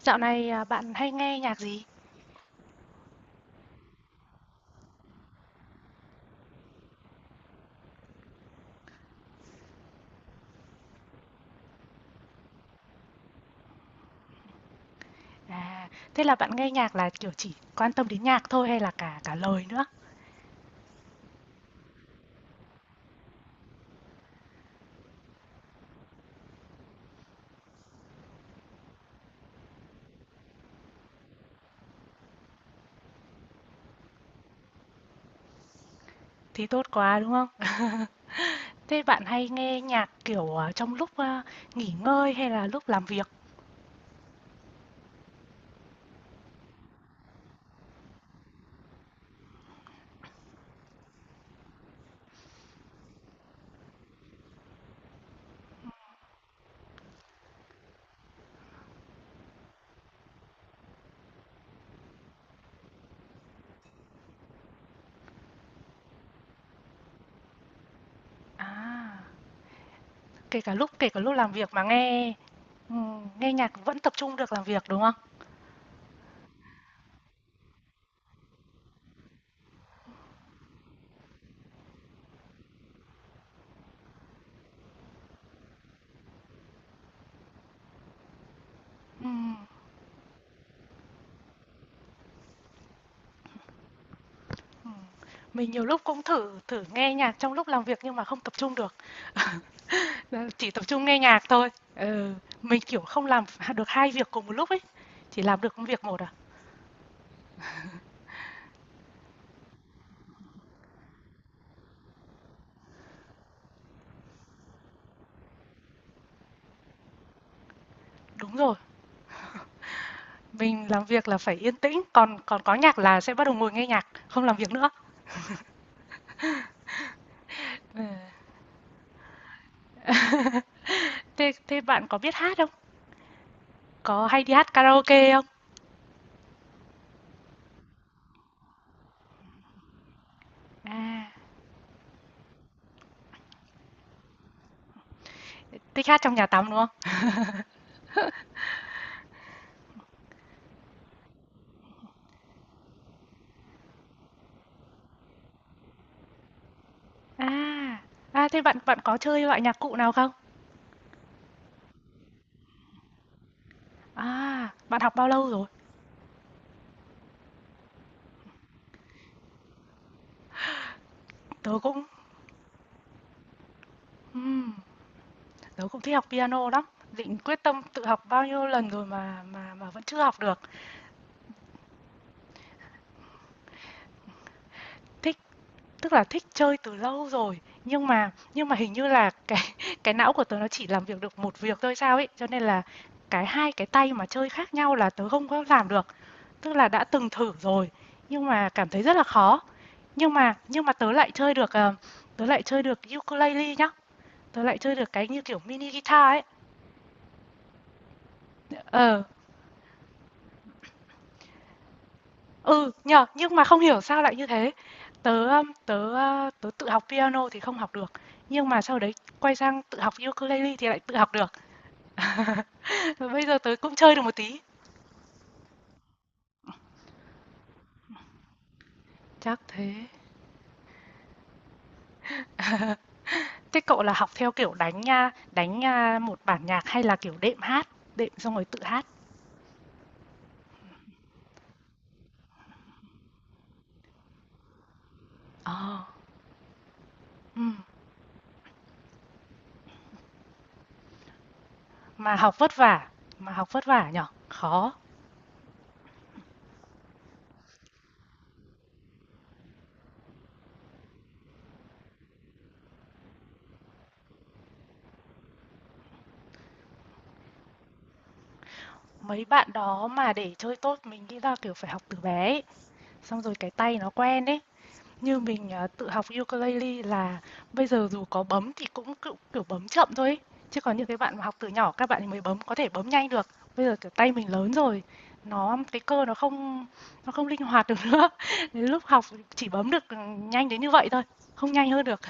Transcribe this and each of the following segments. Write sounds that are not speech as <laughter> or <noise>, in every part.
Dạo này, bạn hay nghe nhạc gì? À, thế là bạn nghe nhạc là, kiểu, chỉ quan tâm đến nhạc thôi hay là cả cả lời nữa? Thì tốt quá, đúng không? <laughs> Thế bạn hay nghe nhạc, kiểu, trong lúc, nghỉ ngơi hay là lúc làm việc? À, kể cả lúc làm việc mà nghe nghe nhạc vẫn tập trung được làm việc, đúng không? Ừm. Mình nhiều lúc cũng thử thử nghe nhạc trong lúc làm việc nhưng mà không tập trung được. <laughs> Ờ, chỉ tập trung nghe nhạc thôi. Ừ, mình, kiểu, không làm được hai việc cùng một lúc ấy, chỉ làm được một việc một à. Đúng rồi, mình làm việc là phải yên tĩnh, còn còn có nhạc là sẽ bắt đầu ngồi nghe nhạc, không làm việc nữa. Ờ, thế thế bạn có biết hát không? Có hay đi hát karaoke không? À, thích hát trong nhà tắm, đúng không? À, à, thế bạn bạn có chơi loại nhạc cụ nào không? À, bạn học bao lâu rồi? Tớ cũng ừm. Tớ cũng thích học piano lắm, định quyết tâm tự học bao nhiêu lần rồi mà vẫn chưa học được. Thích tức là thích chơi từ lâu rồi, nhưng mà hình như là <laughs> cái não của tớ nó chỉ làm việc được một việc thôi sao ấy, cho nên là cái hai cái tay mà chơi khác nhau là tớ không có làm được. Tức là đã từng thử rồi nhưng mà cảm thấy rất là khó. Nhưng mà tớ lại chơi được tớ lại chơi được ukulele nhá. Tớ lại chơi được cái như kiểu mini guitar ấy. Ờ, ừ, nhờ, nhưng mà không hiểu sao lại như thế. Tớ Tớ tớ tự học piano thì không học được, nhưng mà sau đấy quay sang tự học ukulele thì lại tự học được. <laughs> Và bây giờ tớ cũng chơi được một tí. Chắc thế. Thế cậu là học theo kiểu đánh nha một bản nhạc hay là kiểu đệm hát, đệm xong rồi tự hát? Ờ, ừm, mà học vất vả, mà học vất vả nhở, khó. Mấy bạn đó mà để chơi tốt mình nghĩ là kiểu phải học từ bé ấy. Xong rồi cái tay nó quen ấy. Như mình, à, tự học ukulele là bây giờ dù có bấm thì cũng cựu kiểu bấm chậm thôi ấy. Chứ còn những cái bạn mà học từ nhỏ các bạn ấy mới bấm có thể bấm nhanh được. Bây giờ, kiểu, tay mình lớn rồi, cái cơ nó không linh hoạt được nữa. <laughs> Đến lúc học chỉ bấm được, ừ, nhanh đến như vậy thôi, không nhanh hơn được.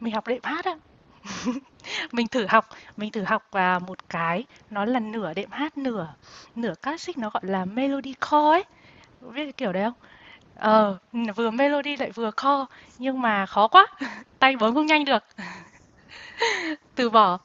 Mình học đệm hát á, <laughs> mình thử học mình thử học, à, một cái nó là nửa đệm hát, nửa nửa classic, nó gọi là Melodycore ấy, biết cái kiểu đấy không? Ờ, vừa melody lại vừa core nhưng mà khó quá, <laughs> tay bấm không nhanh được, từ bỏ.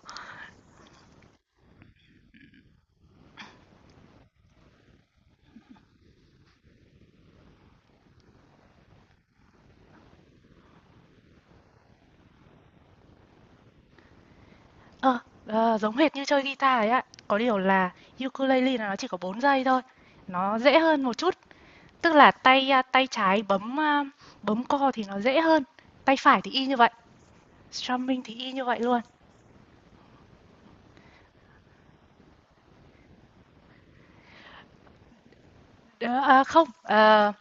Ờ, Giống hệt như chơi guitar ấy ạ, có điều là ukulele là nó chỉ có 4 giây thôi, nó dễ hơn một chút, tức là tay trái bấm core thì nó dễ hơn, tay phải thì y như vậy, strumming thì y như vậy luôn. Không, ờ,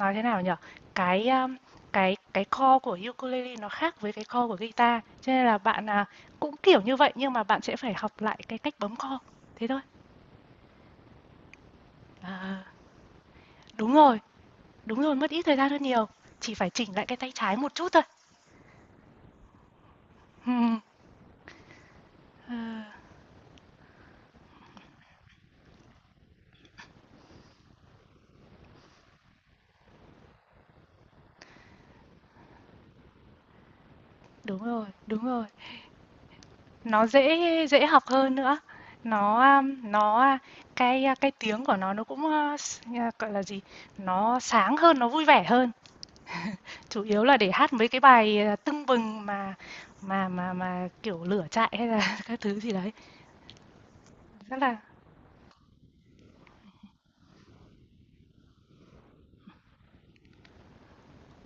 nói thế nào nhở cái um, cái chord của ukulele nó khác với cái chord của guitar cho nên là cũng kiểu như vậy nhưng mà bạn sẽ phải học lại cái cách bấm chord thế thôi. À, đúng rồi đúng rồi mất ít thời gian hơn nhiều, chỉ phải chỉnh lại cái tay trái một chút thôi. <laughs> Ừm, à, đúng rồi nó dễ dễ học hơn nữa nó cái tiếng của nó cũng gọi là gì, nó sáng hơn nó vui vẻ hơn. Chủ yếu là để hát mấy cái bài, à, tưng bừng mà kiểu, lửa trại hay là <laughs> các thứ gì đấy. Rất là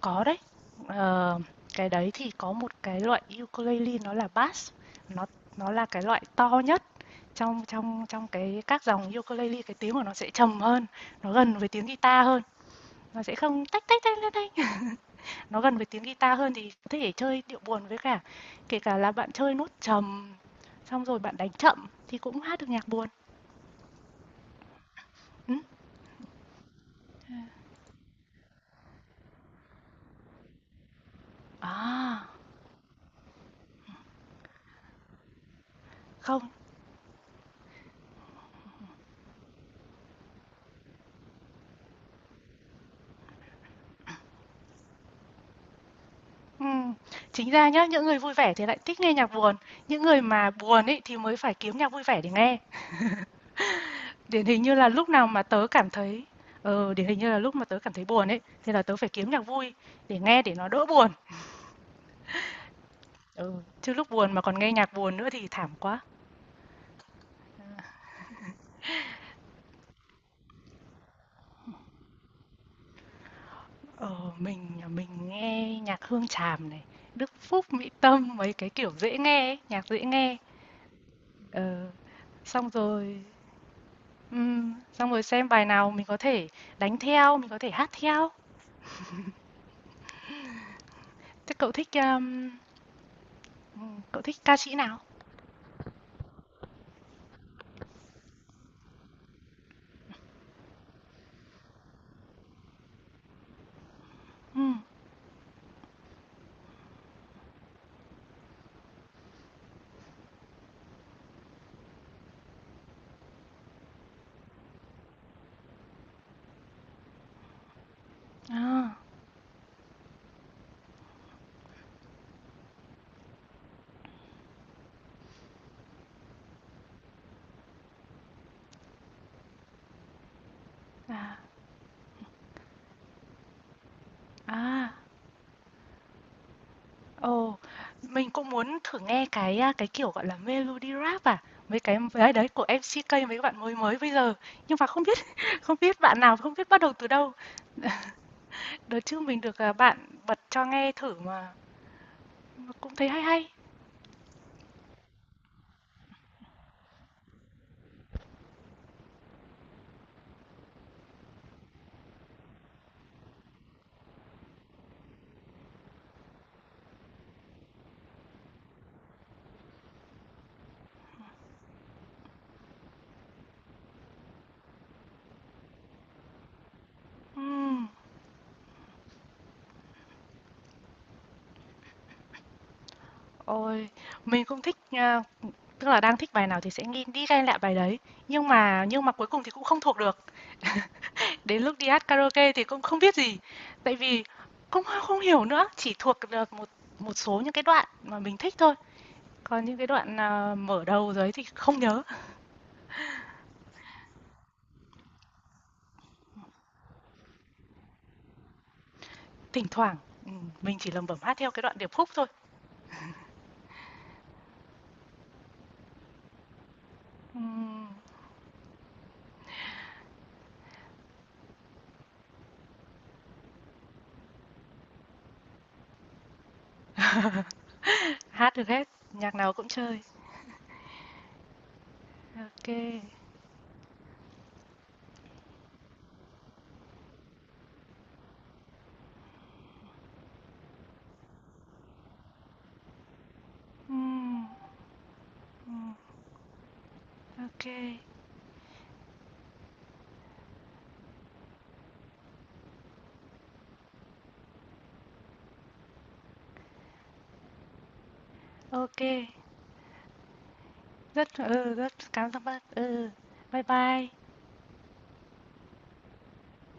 có đấy, ờ, cái đấy thì có một cái loại ukulele nó là bass, nó nó là cái loại to nhất trong trong trong cái các dòng ukulele, cái tiếng của nó sẽ trầm hơn, nó gần với tiếng guitar hơn, nó sẽ không tách, tách, tách, tách, tách. Nó gần với tiếng guitar hơn thì có thể chơi điệu buồn với cả kể cả là bạn chơi nốt trầm, xong rồi bạn đánh chậm thì cũng hát được nhạc buồn. Ừm. À, không, ừm, chính ra nhá, những người vui vẻ thì lại thích nghe nhạc buồn, những người mà buồn ấy thì mới phải kiếm nhạc vui vẻ để nghe. Điển hình như là lúc nào mà tớ cảm thấy ờ, điển hình như là lúc mà tớ cảm thấy buồn ấy thì là tớ phải kiếm nhạc vui để nghe để nó đỡ buồn. Ừ, chứ lúc buồn mà còn nghe nhạc buồn nữa thì thảm quá. Ờ, mình nghe nhạc Hương Tràm này, Đức Phúc, Mỹ Tâm mấy cái kiểu dễ nghe ấy, nhạc dễ nghe. Ờ, xong rồi ừm, xong rồi xem bài nào mình có thể đánh theo, mình có thể hát theo. Thế cậu thích ca sĩ nào? Ừm. À, à, à. Ồ, mình cũng muốn thử nghe cái à, cái kiểu gọi là melody rap à, mấy cái đấy đấy của MCK mấy bạn mới mới bây giờ. Nhưng mà không biết <laughs> không biết bạn nào không biết bắt đầu từ đâu. <laughs> Đợt trước mình được à, bạn bật cho nghe thử mà cũng thấy hay hay. Ừm, Ôi, mình cũng thích à, tức là đang thích bài nào thì sẽ nghi đi ghen lại bài đấy, nhưng mà cuối cùng thì cũng không thuộc được. <laughs> Đến lúc đi hát karaoke thì cũng không biết gì, tại vì cũng không không hiểu nữa, chỉ thuộc được một một số những cái đoạn mà mình thích thôi, còn những cái đoạn, à, mở đầu đấy thì không nhớ. Thỉnh thoảng, ừ, mình chỉ lẩm bẩm hát theo cái đoạn điệp khúc thôi. Ừm, <laughs> hát được hết, nhạc nào cũng chơi. Ok kê, ok, ô rất ừ, rất cảm ơn bác, ừ, bye bye.